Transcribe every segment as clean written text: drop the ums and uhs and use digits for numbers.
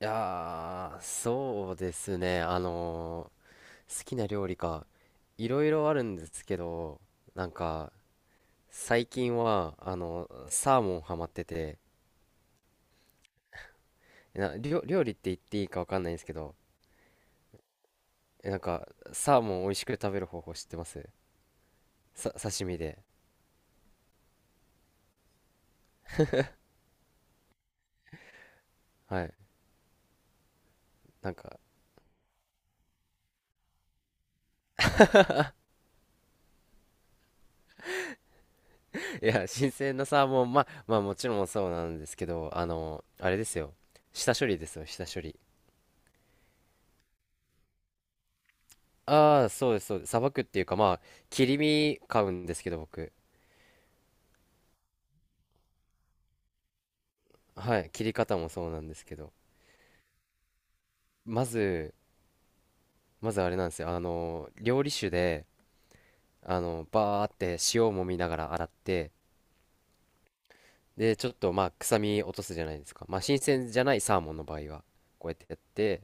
いやー、そうですね。好きな料理か。いろいろあるんですけど、なんか、最近は、サーモンハマってて、料理って言っていいかわかんないんですけど、なんか、サーモン美味しく食べる方法知ってます？刺身で。はい。なんか、いや、新鮮なサーモン、まあ、もちろんそうなんですけど、あれですよ。下処理ですよ、下処理。ああ、そうです、そうです。さばくっていうか、まあ、切り身買うんですけど、僕。はい、切り方もそうなんですけど、まず、まずあれなんですよ、料理酒で、バーって塩を揉みながら洗って、で、ちょっとまあ、臭み落とすじゃないですか。まあ、新鮮じゃないサーモンの場合は、こうやってやって、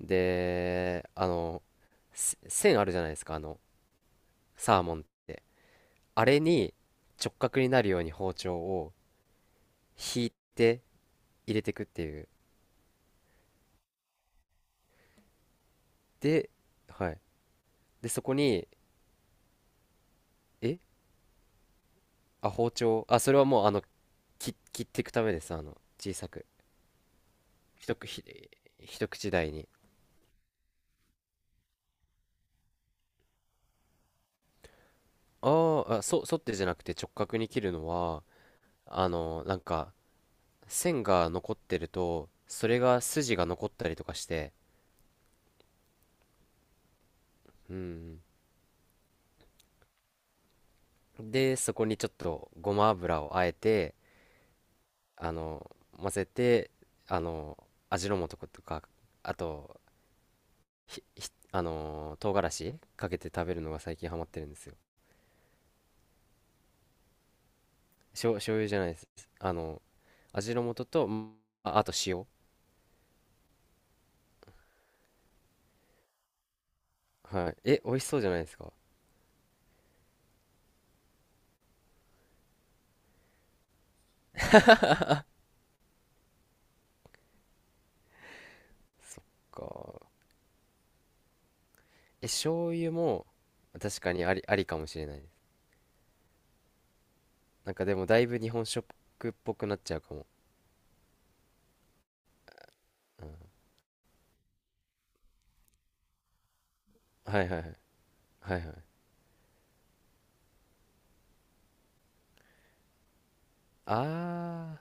で、線あるじゃないですか、サーモンって。あれに直角になるように包丁を引いて入れていくっていう。で、はい。で、そこに、えあ、包丁。あ、それはもう、切っていくためです。小さく。一口ひ、一口大に。あーあ、沿ってじゃなくて直角に切るのは、なんか、線が残ってると、それが筋が残ったりとかして、うん。で、そこにちょっとごま油をあえて、あの、混ぜて、あの、味の素とか、あと、唐辛子かけて食べるのが最近ハマってるんですよ。醤油じゃないです。あの味の素と、あ、あと塩。はい。え、美味しそうじゃないですか？か。え、醤油も確かにありかもしれないです。なんかでもだいぶ日本食っぽくなっちゃうかも。うん、はいはいはい。はいはい。あ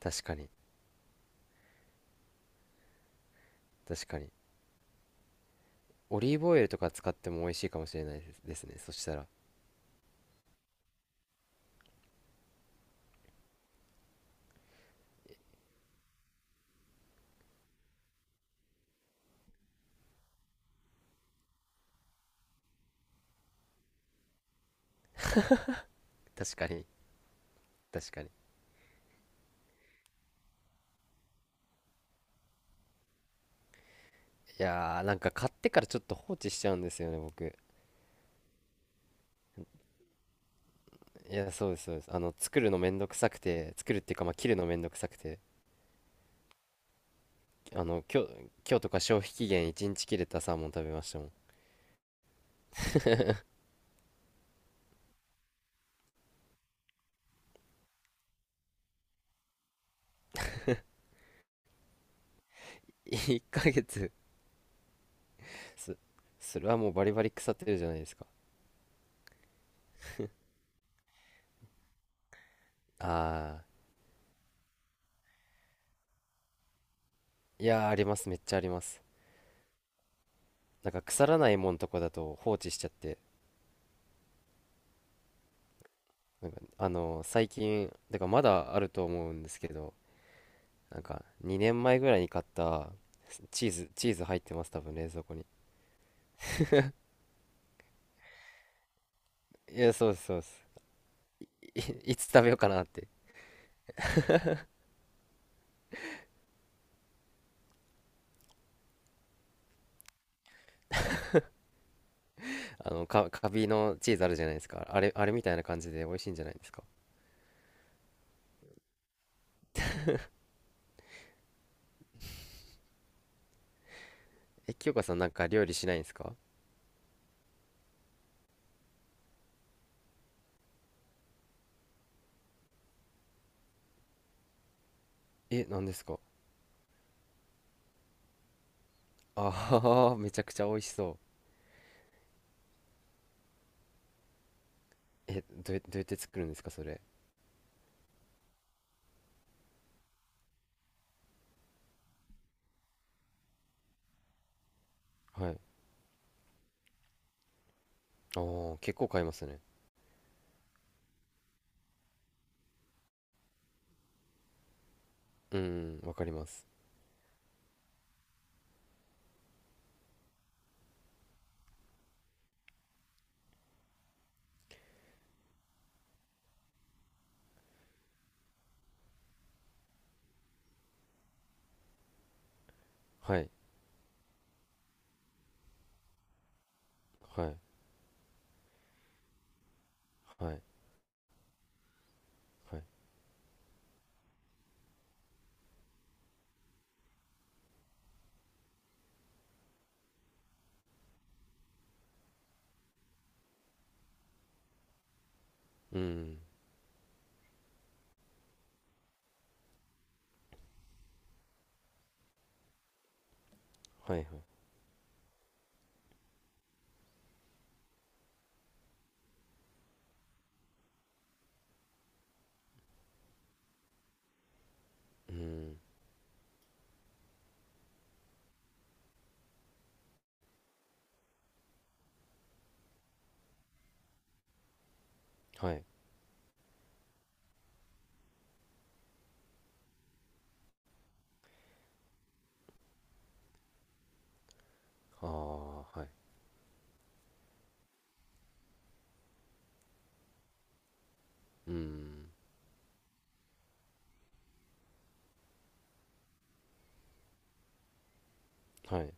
ー、確かに。確かに。オリーブオイルとか使っても美味しいかもしれないですね。そしたら。確かに。確かに。いやー、なんか買ってからちょっと放置しちゃうんですよね、僕。いや、そうです、そうです。作るのめんどくさくて、作るっていうか、まあ、切るのめんどくさくて。あの今日今日とか消費期限1日切れたサーモン食べましたもん。1ヶ月？ すそれはもうバリバリ腐ってるじゃないですか。ああ、いやー、あります。めっちゃあります。なんか腐らないもんとこだと放置しちゃって、なんか最近だからまだあると思うんですけど、なんか2年前ぐらいに買ったチーズ入ってます、多分冷蔵庫に。いや、そうです、そうです。い、いつ食べようかなって。カビのチーズあるじゃないですか、あれあれみたいな感じで美味しいんじゃないですか？え、清香さんなんか料理しないんですか？え、なんですか？ああー、めちゃくちゃ美味しそう。え、どうやって作るんですか、それ。はい。ああ、結構買いますね。うん、わかります。はい、はい、はい、はい。うん、はい、はい。うん、はい。ああ、はい。うん、はい。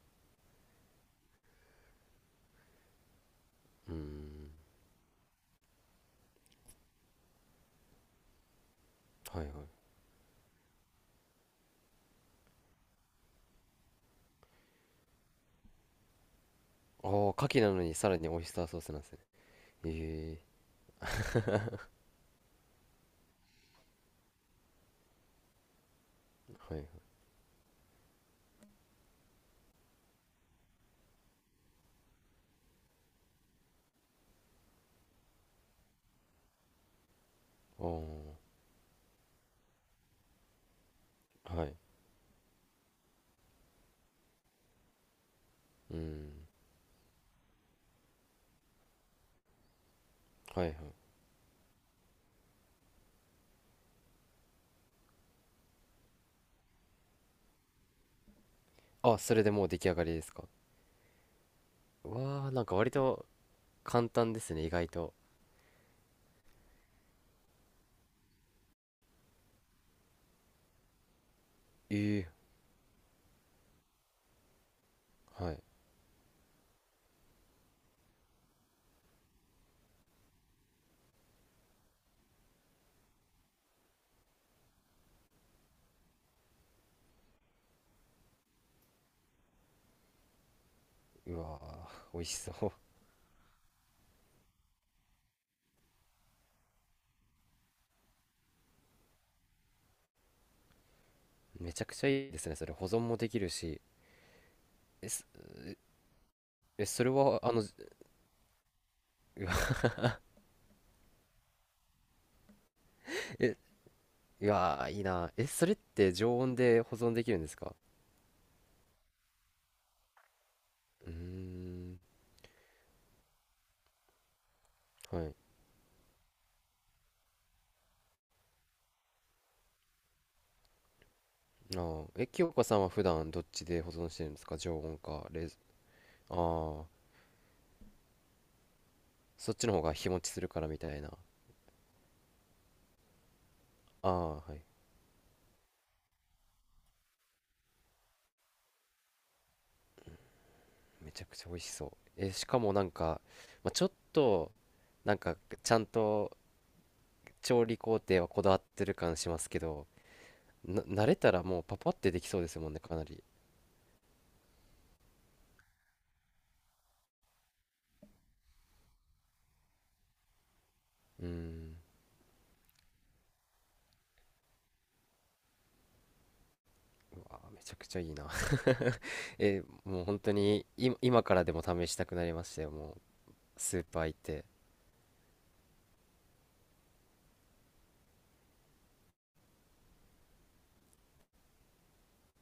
うん、はい、はい。ああ、牡蠣なのにさらにオイスターソースなんですね。ええ、はい、はい。ああ、はい。うん、はい、はい。あ、それでもう出来上がりですか？わあ、なんか割と簡単ですね、意外と。ええ、はい。うわー、美味しそう。めちゃくちゃいいですね、それ。保存もできるし。え、え、それは、うわ、え、うわー、いいな。え、それって常温で保存できるんですか？うーん、はい。あー、え、清香さんは普段どっちで保存してるんですか？常温か、冷蔵、ああ、そっちの方が日持ちするからみたいな。ああ、はい。めちゃくちゃ美味しそう。え、しかもなんか、まあ、ちょっと、なんか、ちゃんと、調理工程はこだわってる感しますけど、慣れたらもうパパってできそうですもんね、かなり。うん。あー、めちゃくちゃいいな。え、もう本当に今からでも試したくなりましたよ、もう。スーパー行って。